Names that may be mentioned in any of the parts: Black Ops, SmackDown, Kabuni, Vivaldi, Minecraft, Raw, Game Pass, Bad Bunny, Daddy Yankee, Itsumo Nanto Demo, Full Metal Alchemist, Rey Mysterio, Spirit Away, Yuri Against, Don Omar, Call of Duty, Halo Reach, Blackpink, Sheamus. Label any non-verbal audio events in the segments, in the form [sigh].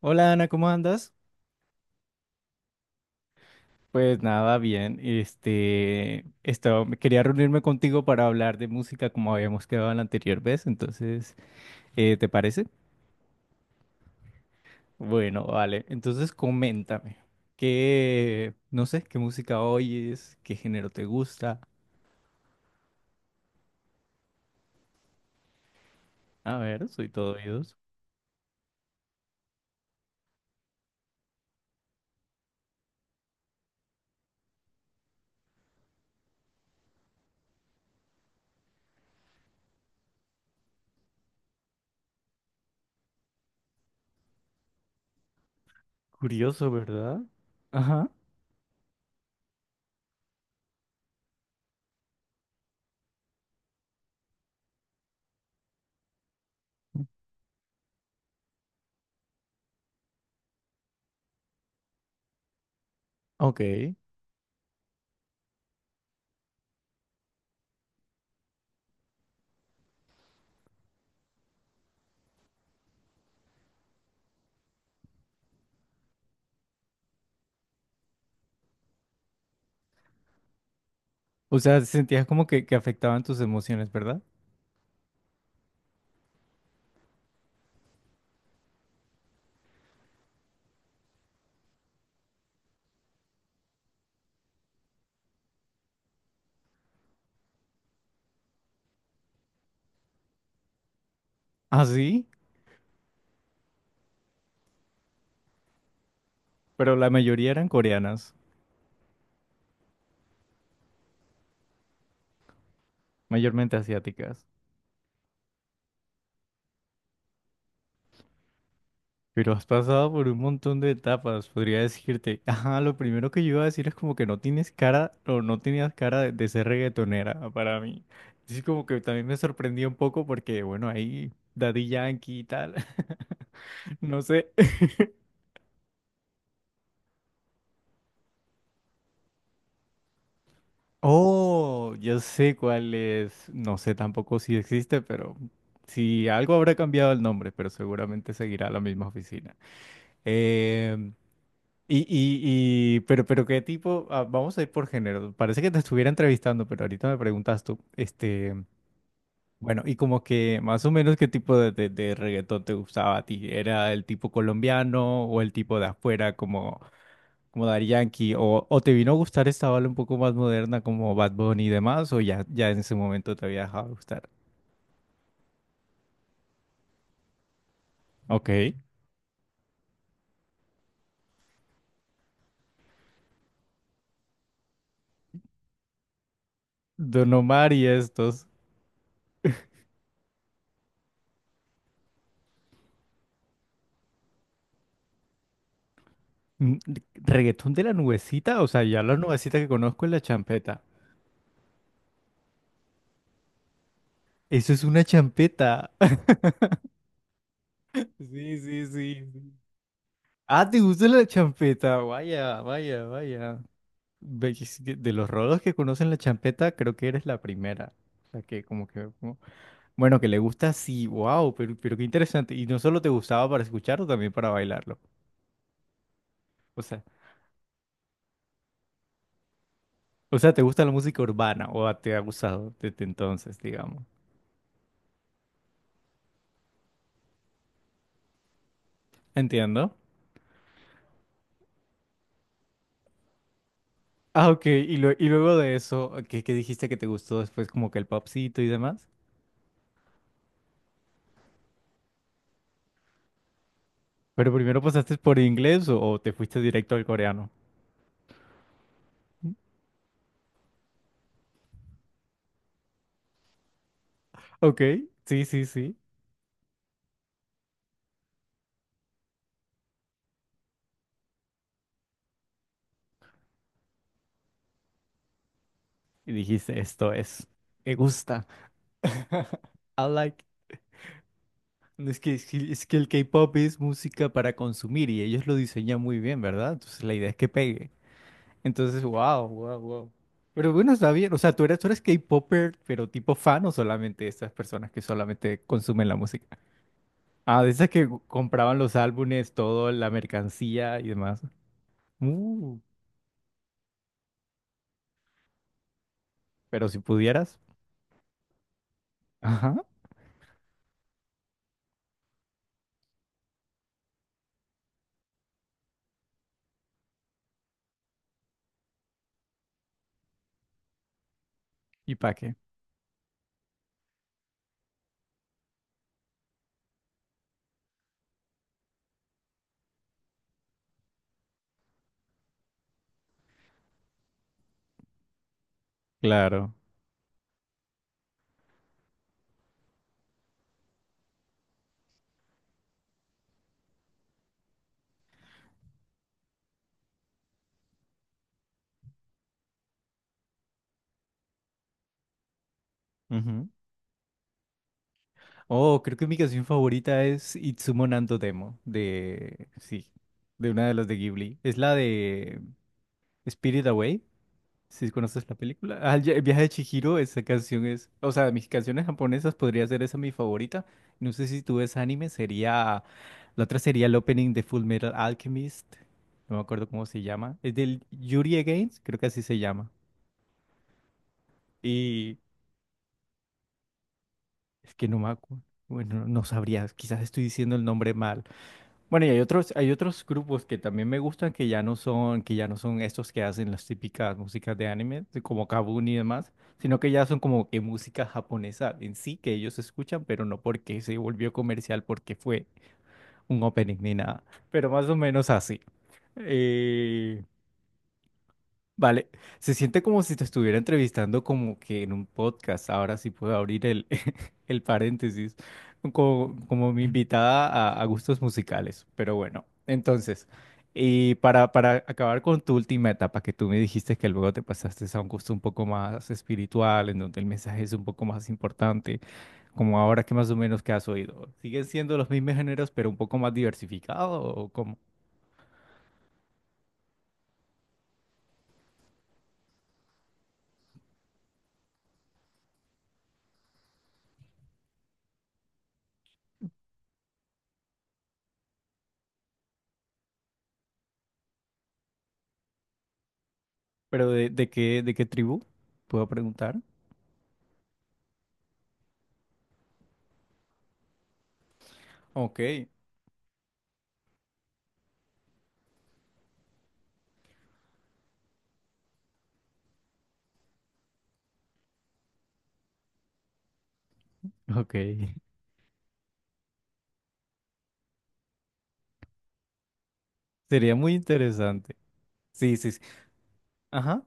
Hola Ana, ¿cómo andas? Pues nada, bien. Quería reunirme contigo para hablar de música como habíamos quedado la anterior vez. Entonces, ¿te parece? Bueno, vale. Entonces, coméntame. ¿Qué, no sé, qué música oyes? ¿Qué género te gusta? A ver, soy todo oídos. Curioso, ¿verdad? Ajá, ok. O sea, sentías como que afectaban tus emociones, ¿verdad? Ah, sí, pero la mayoría eran coreanas, mayormente asiáticas. Pero has pasado por un montón de etapas, podría decirte. Ajá, lo primero que yo iba a decir es como que no tienes cara o no tenías cara de ser reggaetonera para mí. Así como que también me sorprendió un poco porque, bueno, ahí Daddy Yankee y tal, [laughs] no sé. Oh, yo sé cuál es. No sé tampoco si existe, pero si algo habrá cambiado el nombre, pero seguramente seguirá la misma oficina. Vamos a ir por género. Parece que te estuviera entrevistando, pero ahorita me preguntas tú, bueno, y como que más o menos qué tipo de reggaetón te gustaba a ti. ¿Era el tipo colombiano o el tipo de afuera como Daddy Yankee? ¿O te vino a gustar esta bala un poco más moderna como Bad Bunny y demás? ¿O ya en ese momento te había dejado de gustar? Ok. Don Omar y estos. Mm. ¿Reggaetón de la nubecita? O sea, ya la nubecita que conozco es la champeta. Eso es una champeta. [laughs] Sí, sí, sí. Sí. Ah, ¿te gusta la champeta? Vaya, vaya, vaya. Ve, es que de los rolos que conocen la champeta, creo que eres la primera. O sea, que como que... como- Bueno, que le gusta, sí, wow, pero qué interesante. Y no solo te gustaba para escucharlo, también para bailarlo. O sea, ¿Te gusta la música urbana o te ha gustado desde entonces, digamos? Entiendo. Ah, ok. Y luego de eso, ¿qué, qué dijiste que te gustó después como que el popcito y demás? Pero primero pasaste por inglés o te fuiste directo al coreano. Ok, sí, sí, sí. Y dijiste, esto es, me gusta. [laughs] I like. No, es que, es que el K-pop es música para consumir y ellos lo diseñan muy bien, ¿verdad? Entonces la idea es que pegue. Entonces, wow, wow, wow. Pero bueno, está bien. O sea, tú eres K-popper, pero tipo fan o solamente esas personas que solamente consumen la música. Ah, de esas que compraban los álbumes, todo, la mercancía y demás. Uh, pero si pudieras. Ajá. ¿Y pa' qué? Claro. Ujú. Oh, creo que mi canción favorita es Itsumo Nanto Demo, de, sí, de una de las de Ghibli. Es la de Spirit Away, si conoces la película. Ah, el viaje de Chihiro, esa canción es, o sea, de mis canciones japonesas podría ser esa mi favorita. No sé si tú ves anime, sería. La otra sería el opening de Full Metal Alchemist. No me acuerdo cómo se llama. Es del Yuri Against, creo que así se llama. Es que no me acu- Bueno, no sabría, quizás estoy diciendo el nombre mal. Bueno, y hay otros grupos que también me gustan que ya no son estos que hacen las típicas músicas de anime, de como Kabuni y demás, sino que ya son como que música japonesa en sí que ellos escuchan, pero no porque se volvió comercial, porque fue un opening ni nada. Pero más o menos así. Eh, Vale, se siente como si te estuviera entrevistando como que en un podcast. Ahora sí puedo abrir el, [laughs] el paréntesis, como, mi invitada a gustos musicales. Pero bueno, entonces, y para acabar con tu última etapa, que tú me dijiste que luego te pasaste a un gusto un poco más espiritual, en donde el mensaje es un poco más importante, como ahora que más o menos que has oído. ¿Siguen siendo los mismos géneros, pero un poco más diversificados o cómo? ¿Pero de qué tribu? ¿Puedo preguntar? Ok. Ok, [laughs] sería muy interesante. Sí, sí, sí. Ajá.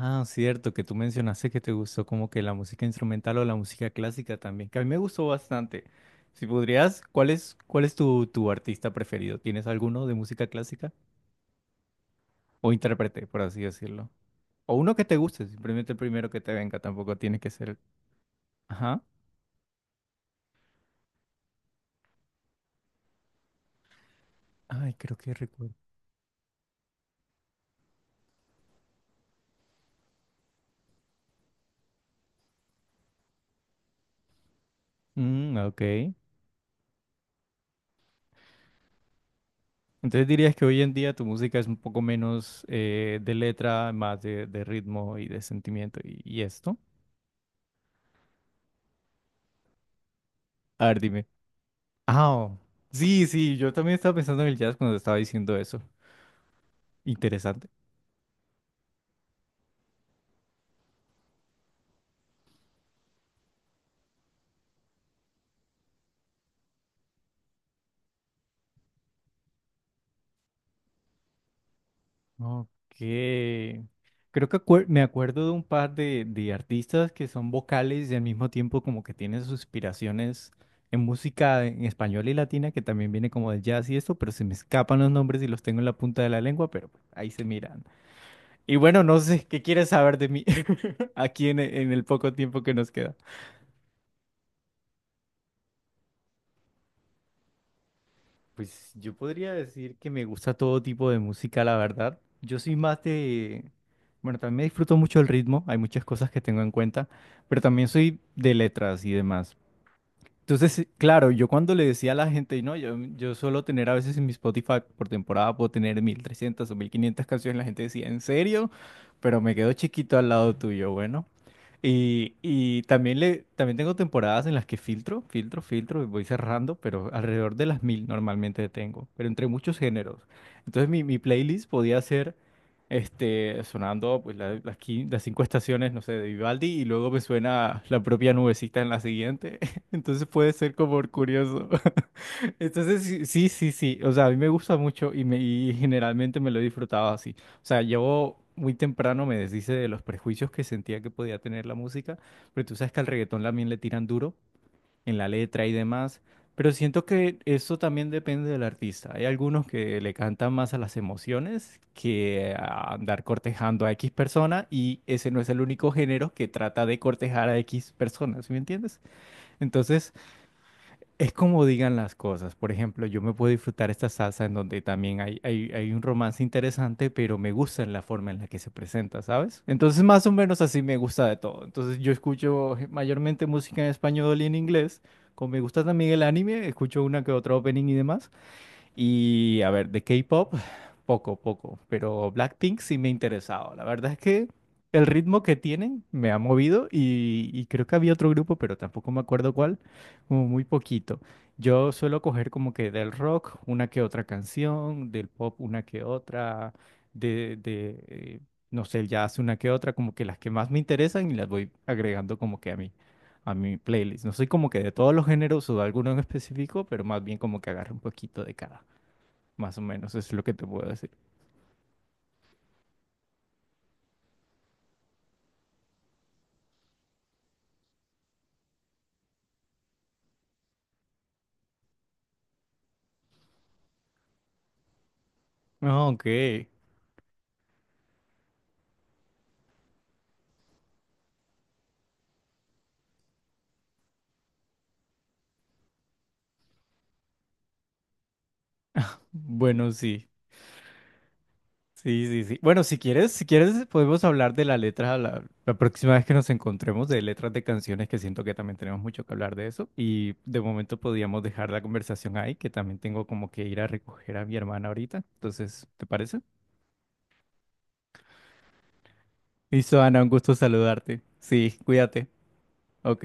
Ah, cierto, que tú mencionaste que te gustó como que la música instrumental o la música clásica también, que a mí me gustó bastante. Si podrías, ¿cuál es tu artista preferido? ¿Tienes alguno de música clásica? O intérprete, por así decirlo. O uno que te guste, simplemente el primero que te venga, tampoco tiene que ser. Ajá. Ay, creo que recuerdo. Mm, ok. Entonces dirías que hoy en día tu música es un poco menos de letra, más de ritmo y de sentimiento y esto. A ver, dime. Ah, oh. Sí, sí, yo también estaba pensando en el jazz cuando estaba diciendo eso. Interesante. Ok. Creo que me acuerdo de un par de artistas que son vocales y al mismo tiempo como que tienen sus inspiraciones en música en español y latina, que también viene como del jazz y esto, pero se me escapan los nombres y los tengo en la punta de la lengua, pero ahí se miran. Y bueno, no sé, ¿qué quieres saber de mí [laughs] aquí en el poco tiempo que nos queda? Pues yo podría decir que me gusta todo tipo de música, la verdad. Yo soy más de. Bueno, también disfruto mucho el ritmo, hay muchas cosas que tengo en cuenta, pero también soy de letras y demás. Entonces, claro, yo cuando le decía a la gente, no, yo suelo tener a veces en mi Spotify por temporada, puedo tener 1.300 o 1.500 canciones, la gente decía, ¿en serio? Pero me quedo chiquito al lado tuyo, bueno. Y también, también tengo temporadas en las que filtro, filtro, filtro, y voy cerrando, pero alrededor de las mil normalmente tengo, pero entre muchos géneros. Entonces mi playlist podía ser sonando pues, las cinco estaciones, no sé, de Vivaldi, y luego me suena la propia nubecita en la siguiente. [laughs] Entonces puede ser como curioso. [laughs] Entonces, sí, sí, sí, sí. O sea, a mí me gusta mucho y, y generalmente me lo he disfrutado así. O sea, yo muy temprano me deshice de los prejuicios que sentía que podía tener la música, pero tú sabes que al reggaetón también le tiran duro en la letra y demás. Pero siento que eso también depende del artista. Hay algunos que le cantan más a las emociones que a andar cortejando a X persona y ese no es el único género que trata de cortejar a X personas, ¿sí me entiendes? Entonces. Es como digan las cosas. Por ejemplo, yo me puedo disfrutar esta salsa en donde también hay, hay un romance interesante, pero me gusta en la forma en la que se presenta, ¿sabes? Entonces, más o menos así me gusta de todo. Entonces, yo escucho mayormente música en español y en inglés. Como me gusta también el anime, escucho una que otra opening y demás. Y a ver, de K-pop. Poco, poco, pero Blackpink sí me ha interesado. La verdad es que el ritmo que tienen me ha movido y creo que había otro grupo, pero tampoco me acuerdo cuál, como muy poquito. Yo suelo coger como que del rock una que otra canción, del pop una que otra, de no sé, el jazz una que otra, como que las que más me interesan y las voy agregando como que a mi playlist. No soy como que de todos los géneros o de alguno en específico, pero más bien como que agarro un poquito de cada. Más o menos, eso es lo que te puedo decir. Ah, ok, bueno, sí, sí, sí, sí. Bueno, si quieres, podemos hablar de la letra la próxima vez que nos encontremos, de letras de canciones, que siento que también tenemos mucho que hablar de eso. Y de momento podríamos dejar la conversación ahí, que también tengo como que ir a recoger a mi hermana ahorita. Entonces, ¿te parece? Listo, Ana, un gusto saludarte. Sí, cuídate. Ok.